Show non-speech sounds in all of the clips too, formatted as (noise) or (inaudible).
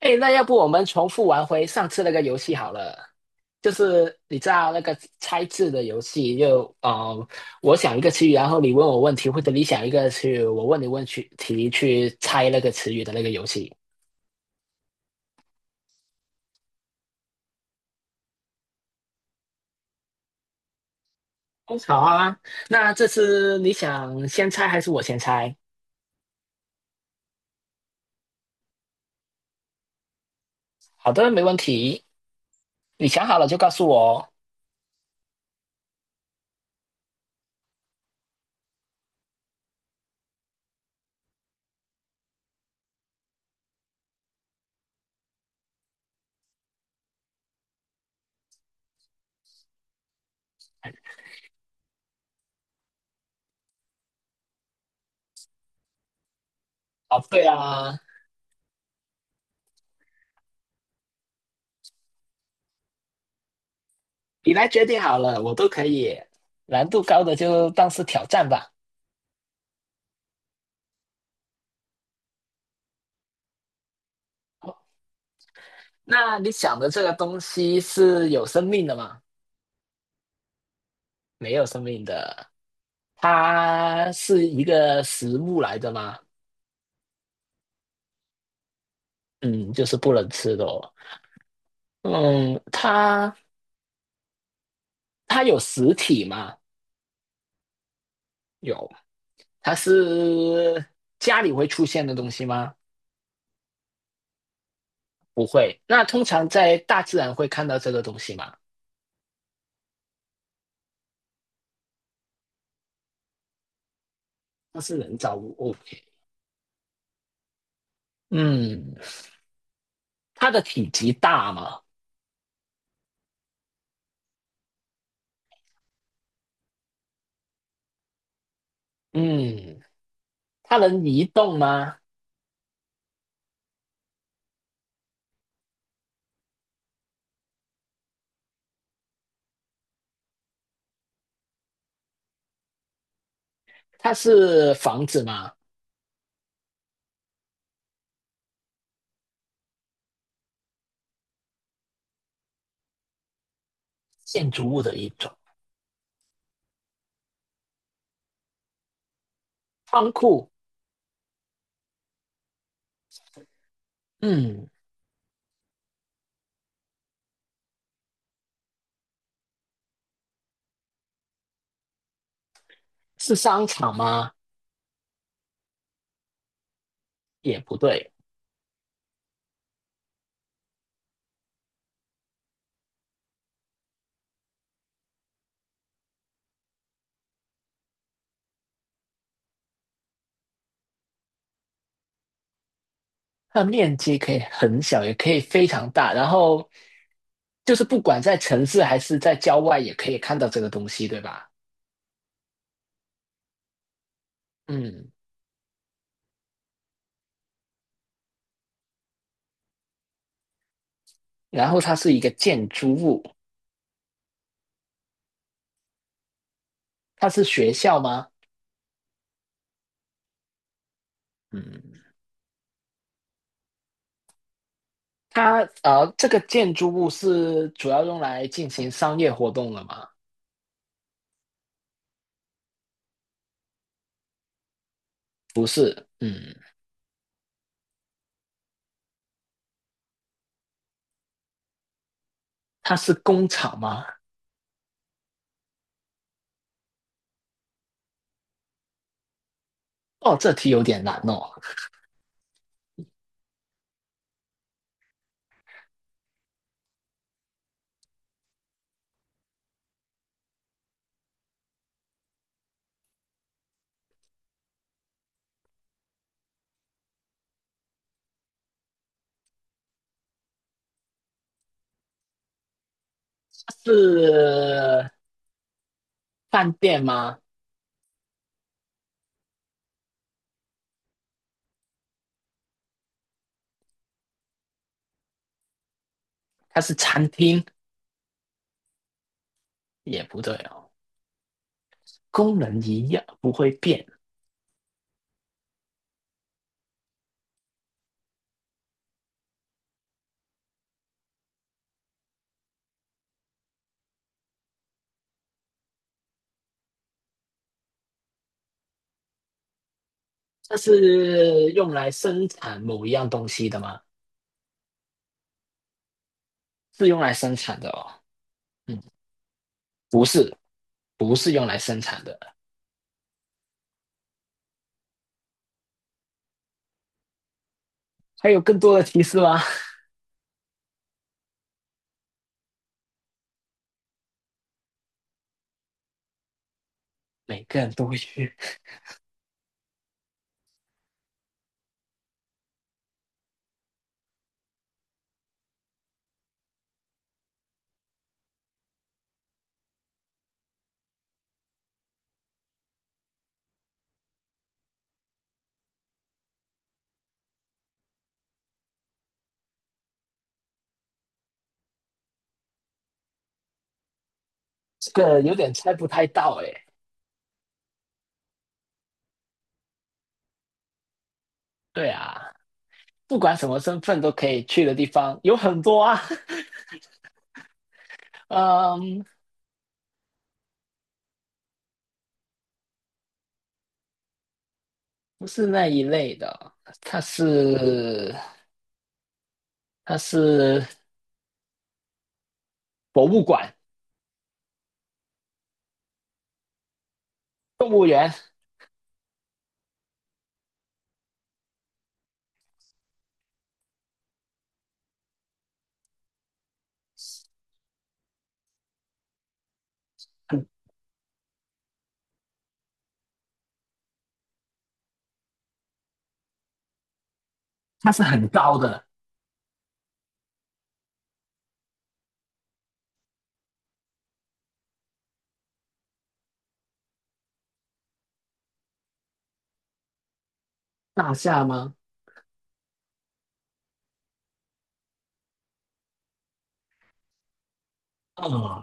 哎，那要不我们重复玩回上次那个游戏好了？就是你知道那个猜字的游戏就，我想一个词语，然后你问我问题，或者你想一个词语，我问你问去题，去猜那个词语的那个游戏。哦好啊，那这次你想先猜还是我先猜？好的，没问题。你想好了就告诉我哦。哦，对啊，你来决定好了，我都可以。难度高的就当是挑战吧。那你想的这个东西是有生命的吗？没有生命的，它是一个食物来的吗？嗯，就是不能吃的哦。嗯，它有实体吗？有。它是家里会出现的东西吗？不会。那通常在大自然会看到这个东西吗？它是人造物。OK。嗯，它的体积大吗？嗯，它能移动吗？它是房子吗？建筑物的一种。仓库，嗯，是商场吗？也不对，它的面积可以很小，也可以非常大。然后就是不管在城市还是在郊外，也可以看到这个东西，对吧？嗯，然后它是一个建筑物，它是学校吗？嗯，它这个建筑物是主要用来进行商业活动的吗？不是，嗯，它是工厂吗？哦，这题有点难哦。它是饭店吗？它是餐厅也不对哦，功能一样不会变。它是用来生产某一样东西的吗？是用来生产的哦。嗯，不是，不是用来生产的。还有更多的提示吗？(laughs) 每个人都会去，这个有点猜不太到哎。对啊，不管什么身份都可以去的地方有很多啊。(laughs) 嗯，不是那一类的，它是它是博物馆、动物园，它是很高的。大厦吗？哦，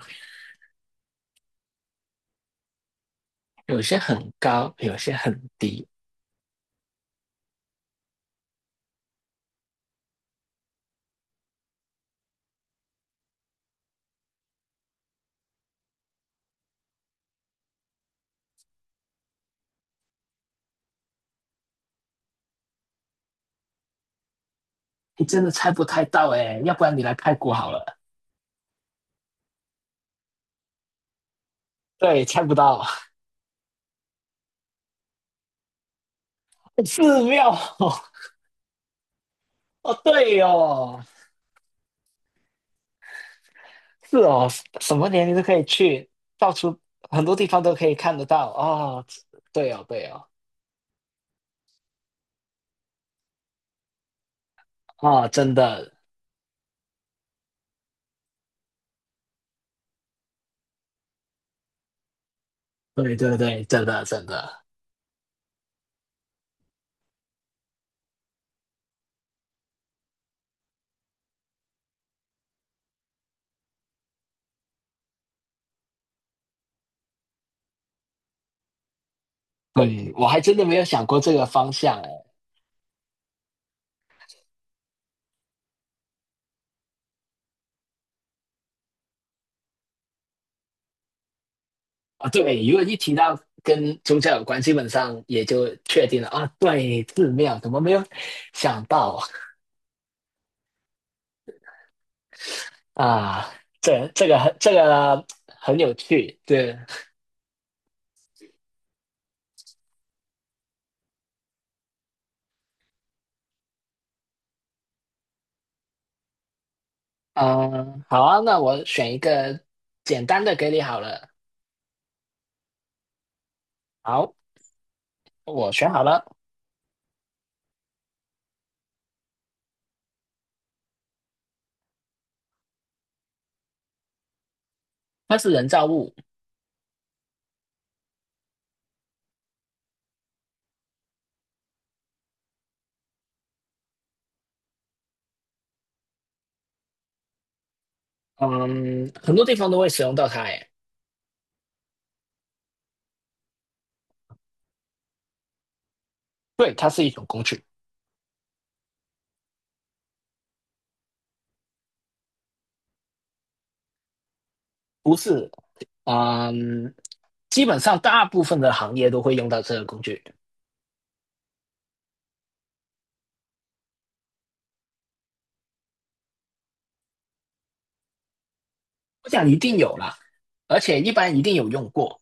有些很高，有些很低。你真的猜不太到哎、要不然你来泰国好了。对，猜不到。(laughs) 寺庙哦，哦对哦，是哦，什么年龄都可以去，到处很多地方都可以看得到哦。对哦，对哦，哦，真的，对对对，真的真的，对，我还真的没有想过这个方向哎、啊，对，如果一提到跟宗教有关，基本上也就确定了啊。对，寺庙怎么没有想到啊？啊这这个很这个很有趣，对，嗯，好啊，那我选一个简单的给你好了。好，我选好了，它是人造物，嗯，很多地方都会使用到它，诶，对，它是一种工具，不是，嗯，基本上大部分的行业都会用到这个工具。我想一定有啦，而且一般一定有用过。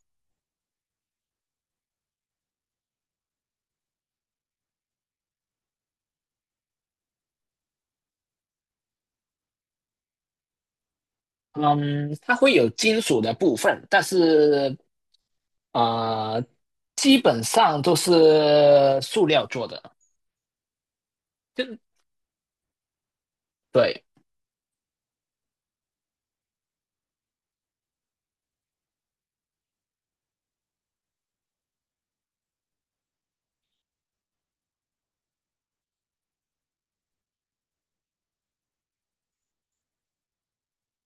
嗯，它会有金属的部分，但是啊，基本上都是塑料做的。就对，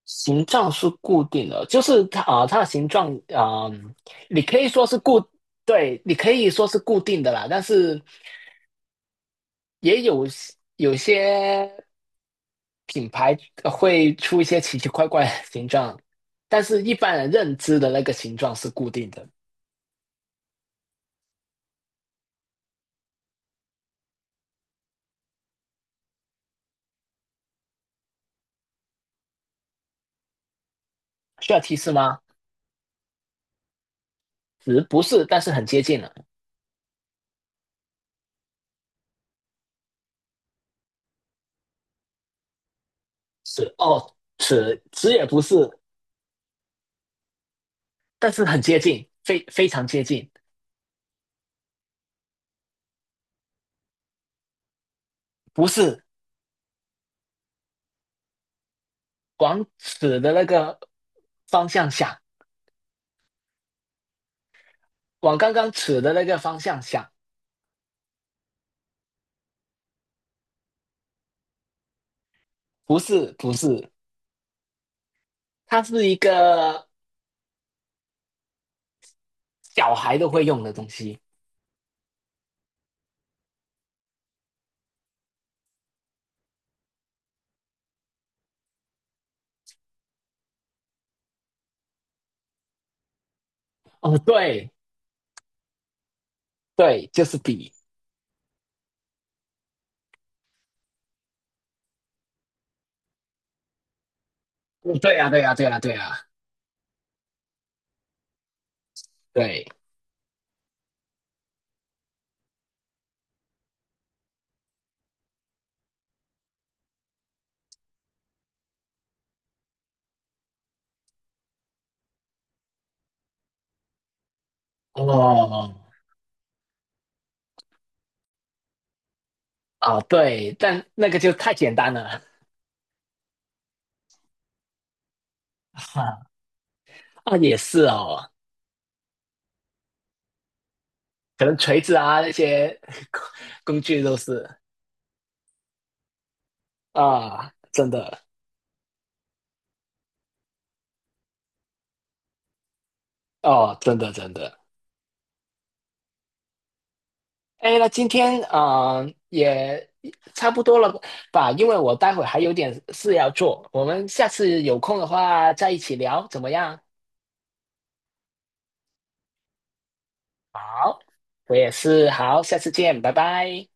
形状是固定的，就是它它的形状,你可以说是固，对，你可以说是固定的啦。但是也有有些品牌会出一些奇奇怪怪的形状，但是一般人认知的那个形状是固定的。需要提示吗？词不是，但是很接近了。词哦，词也不是，但是很接近，非常接近。不是往此的那个方向想，往刚刚此的那个方向想。不是，不是，它是一个小孩都会用的东西。哦，对对，就是笔。嗯对呀，啊对呀，啊对呀，啊对呀，啊对。哦哦，对，但那个就太简单了。(laughs) 啊，也是哦。可能锤子啊那些 (laughs) 工具都是啊，真的哦，真的真的。哎，那今天啊,也差不多了吧？因为我待会还有点事要做，我们下次有空的话再一起聊，怎么样？好，我也是，好，下次见，拜拜。